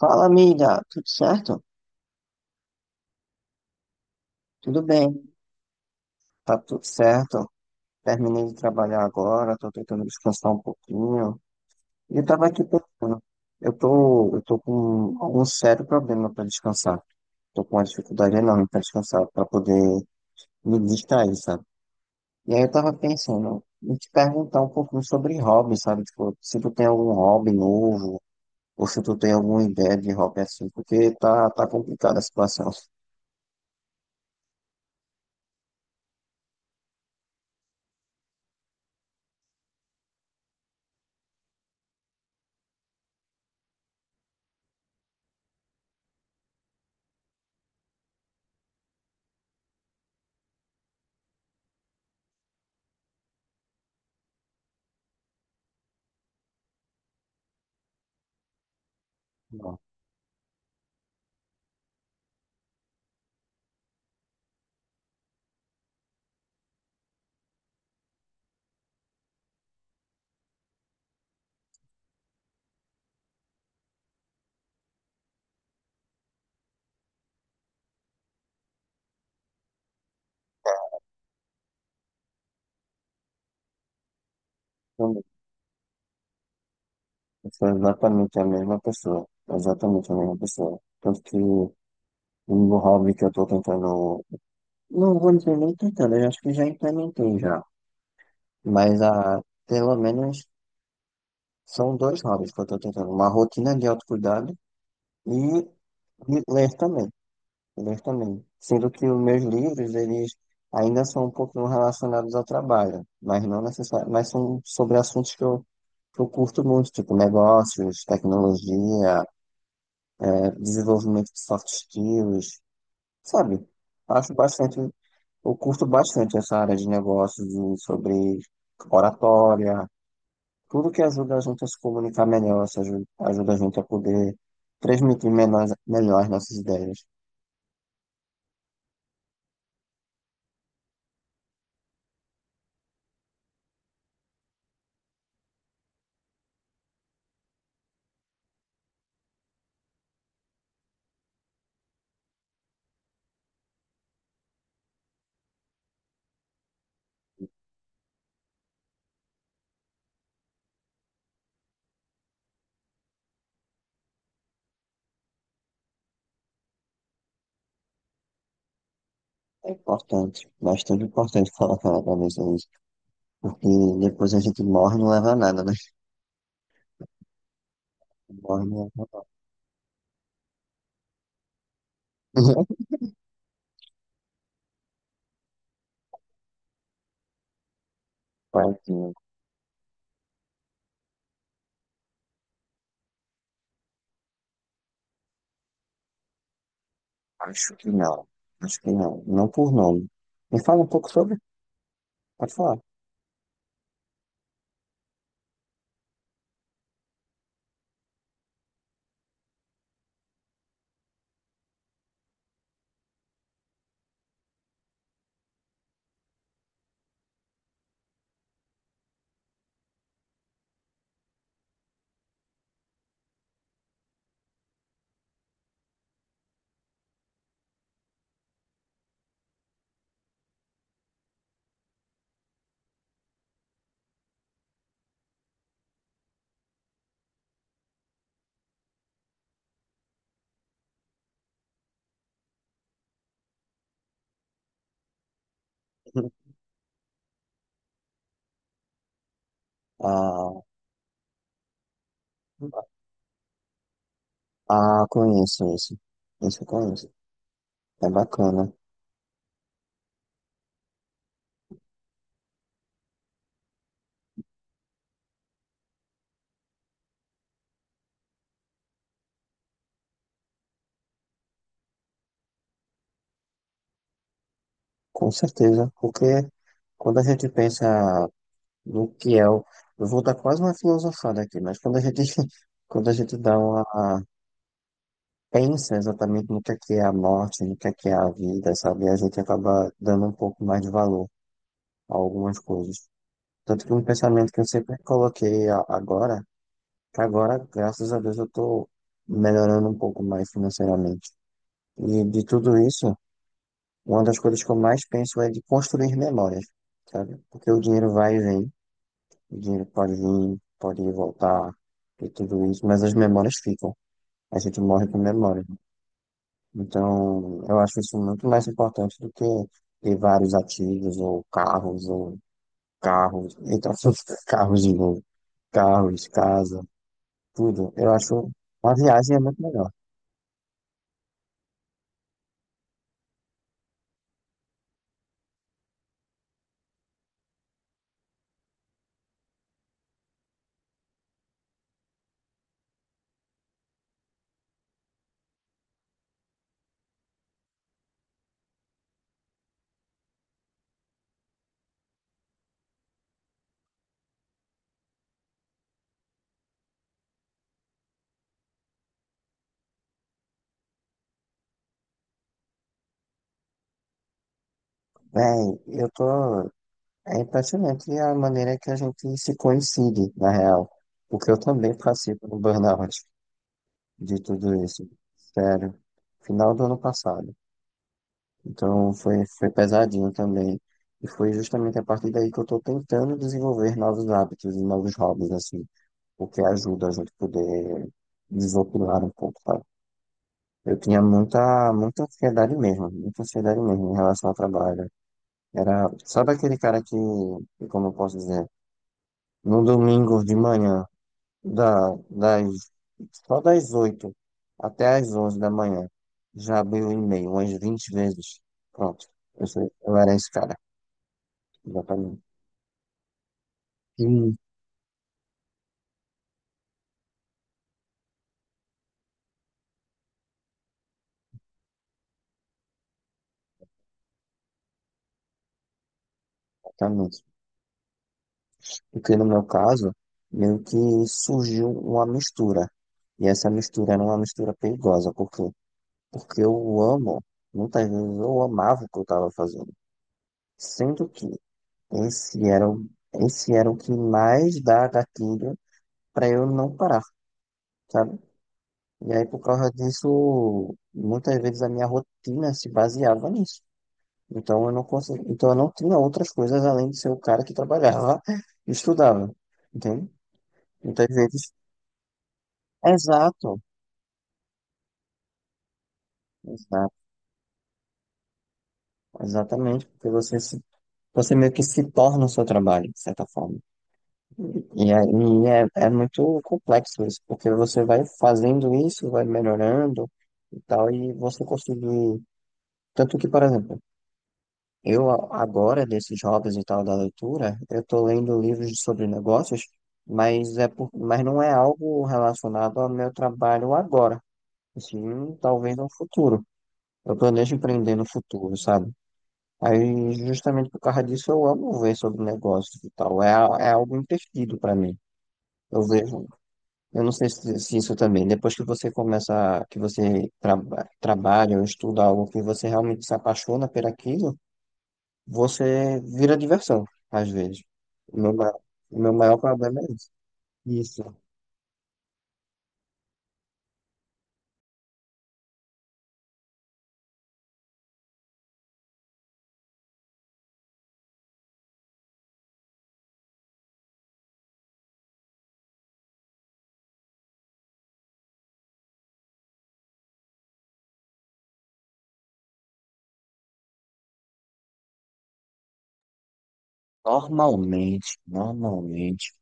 Fala, amiga, tudo certo? Tudo bem, tá tudo certo. Terminei de trabalhar agora, tô tentando descansar um pouquinho. E eu tava aqui pensando, eu tô com algum sério problema para descansar. Tô com uma dificuldade enorme para descansar, para poder me distrair, sabe? E aí eu tava pensando em te perguntar um pouquinho sobre hobby, sabe? Tipo, se tu tem algum hobby novo, ou se tu tem alguma ideia de hobby assim, porque tá complicada a situação. Não. Eu sou exatamente a mesma pessoa. Exatamente a mesma pessoa. Tanto que o meu hobby que eu tô tentando. Não vou dizer nem tentando, eu acho que já implementei já. Mas ah, pelo menos são dois hobbies que eu tô tentando. Uma rotina de autocuidado e de ler também. Ler também. Sendo que os meus livros, eles ainda são um pouquinho relacionados ao trabalho, mas não necessariamente, mas são sobre assuntos que eu curto muito, tipo negócios, tecnologia, desenvolvimento de soft skills, sabe? Acho bastante, eu curto bastante essa área de negócios, sobre oratória, tudo que ajuda a gente a se comunicar melhor, se aju- ajuda a gente a poder transmitir melhor as nossas ideias. É importante, bastante importante colocar na cabeça isso, porque depois a gente morre e não leva a nada, né? Morre e não leva a nada. Vai que- Acho que não, acho que não, não por nome. Me fala um pouco sobre, pode falar. Ah, ah, conheço isso. Isso eu conheço. É bacana. Com certeza. Porque quando a gente pensa no que é o. Eu vou dar quase uma filosofada aqui, mas quando a gente, quando a gente dá uma. Pensa exatamente no que é a morte, no que é a vida, sabe? A gente acaba dando um pouco mais de valor, algumas coisas. Tanto que um pensamento que eu sempre coloquei que agora, graças a Deus, eu estou melhorando um pouco mais financeiramente. E de tudo isso, uma das coisas que eu mais penso é de construir memórias, sabe? Porque o dinheiro vai e vem, o dinheiro pode vir, pode ir e voltar, e tudo isso, mas as memórias ficam. A gente morre com memória. Então, eu acho isso muito mais importante do que ter vários ativos, ou carros, então, carros de novo. Carros, casa, tudo. Eu acho uma viagem é muito melhor. Bem, eu tô. É impressionante a maneira que a gente se coincide, na real. Porque eu também passei pelo burnout de tudo isso. Sério. Final do ano passado. Então foi pesadinho também. E foi justamente a partir daí que eu tô tentando desenvolver novos hábitos e novos hobbies, assim. O que ajuda a gente poder desopilar um pouco, tá? Eu tinha muita, muita ansiedade mesmo em relação ao trabalho. Era, sabe aquele cara que, como eu posso dizer, no domingo de manhã, das só das 8 até as 11 da manhã, já abriu o e-mail umas 20 vezes. Pronto, eu era esse cara, exatamente. Sim, exatamente. Porque no meu caso, meio que surgiu uma mistura. E essa mistura era uma mistura perigosa, porque eu amo, muitas vezes eu amava o que eu estava fazendo. Sendo que esse era o, esse era o que mais dá gatilho para eu não parar, sabe? E aí, por causa disso, muitas vezes a minha rotina se baseava nisso. Então eu não consegui, então eu não tinha outras coisas além de ser o cara que trabalhava e estudava, entende? Muitas vezes, exato, exato, exatamente, porque você meio que se torna o seu trabalho, de certa forma. E aí é muito complexo isso, porque você vai fazendo isso, vai melhorando e tal, e você conseguir. Tanto que, por exemplo, eu agora, desses hobbies e tal da leitura, eu tô lendo livros sobre negócios, mas não é algo relacionado ao meu trabalho agora, sim, talvez no futuro. Eu planejo empreender no futuro, sabe? Aí, justamente por causa disso, eu amo ver sobre negócios e tal, é algo imperdido para mim. Eu vejo Eu não sei se isso também. Depois que você começa, que você trabalha ou estuda algo que você realmente se apaixona por aquilo, você vira diversão, às vezes. O meu, ma- o meu maior problema é isso. Isso. Normalmente,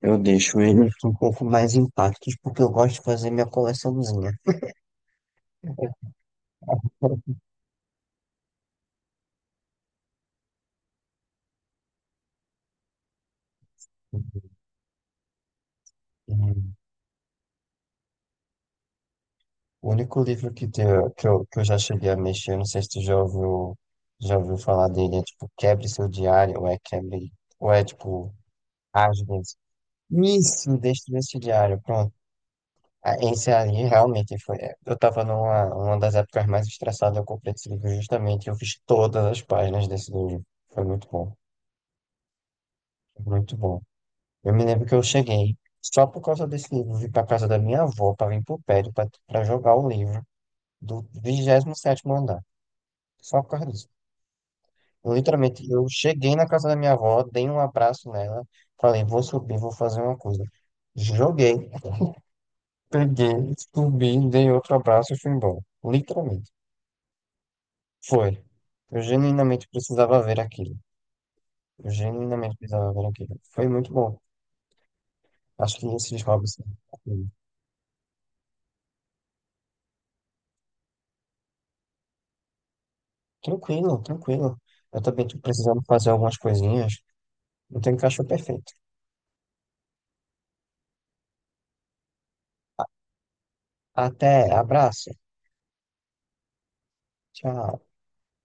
eu deixo ele um pouco mais intactos porque eu gosto de fazer minha coleçãozinha. Hum. O único livro que eu já cheguei a mexer, não sei se tu já ouviu, falar dele, é tipo Quebre Seu Diário, ou é Quebre, ou é tipo. Às vezes. Isso, deste vestiário, pronto. Ah, esse ali realmente foi. Eu tava numa uma das épocas mais estressadas, eu comprei esse livro justamente. Eu fiz todas as páginas desse livro. Foi muito bom, muito bom. Eu me lembro que eu cheguei, só por causa desse livro, vim pra casa da minha avó, pra vir pro prédio, pra jogar o livro do 27º andar. Só por causa disso. Eu, literalmente, eu cheguei na casa da minha avó, dei um abraço nela, falei, vou subir, vou fazer uma coisa. Joguei. Peguei, subi, dei outro abraço e fui embora. Literalmente. Foi. Eu genuinamente precisava ver aquilo. Eu genuinamente precisava ver aquilo. Foi muito bom. Acho que esses hobbies são tranquilos. Tranquilo, tranquilo. Eu também tô precisando fazer algumas coisinhas. Não tenho cachorro perfeito. Até, abraço. Tchau.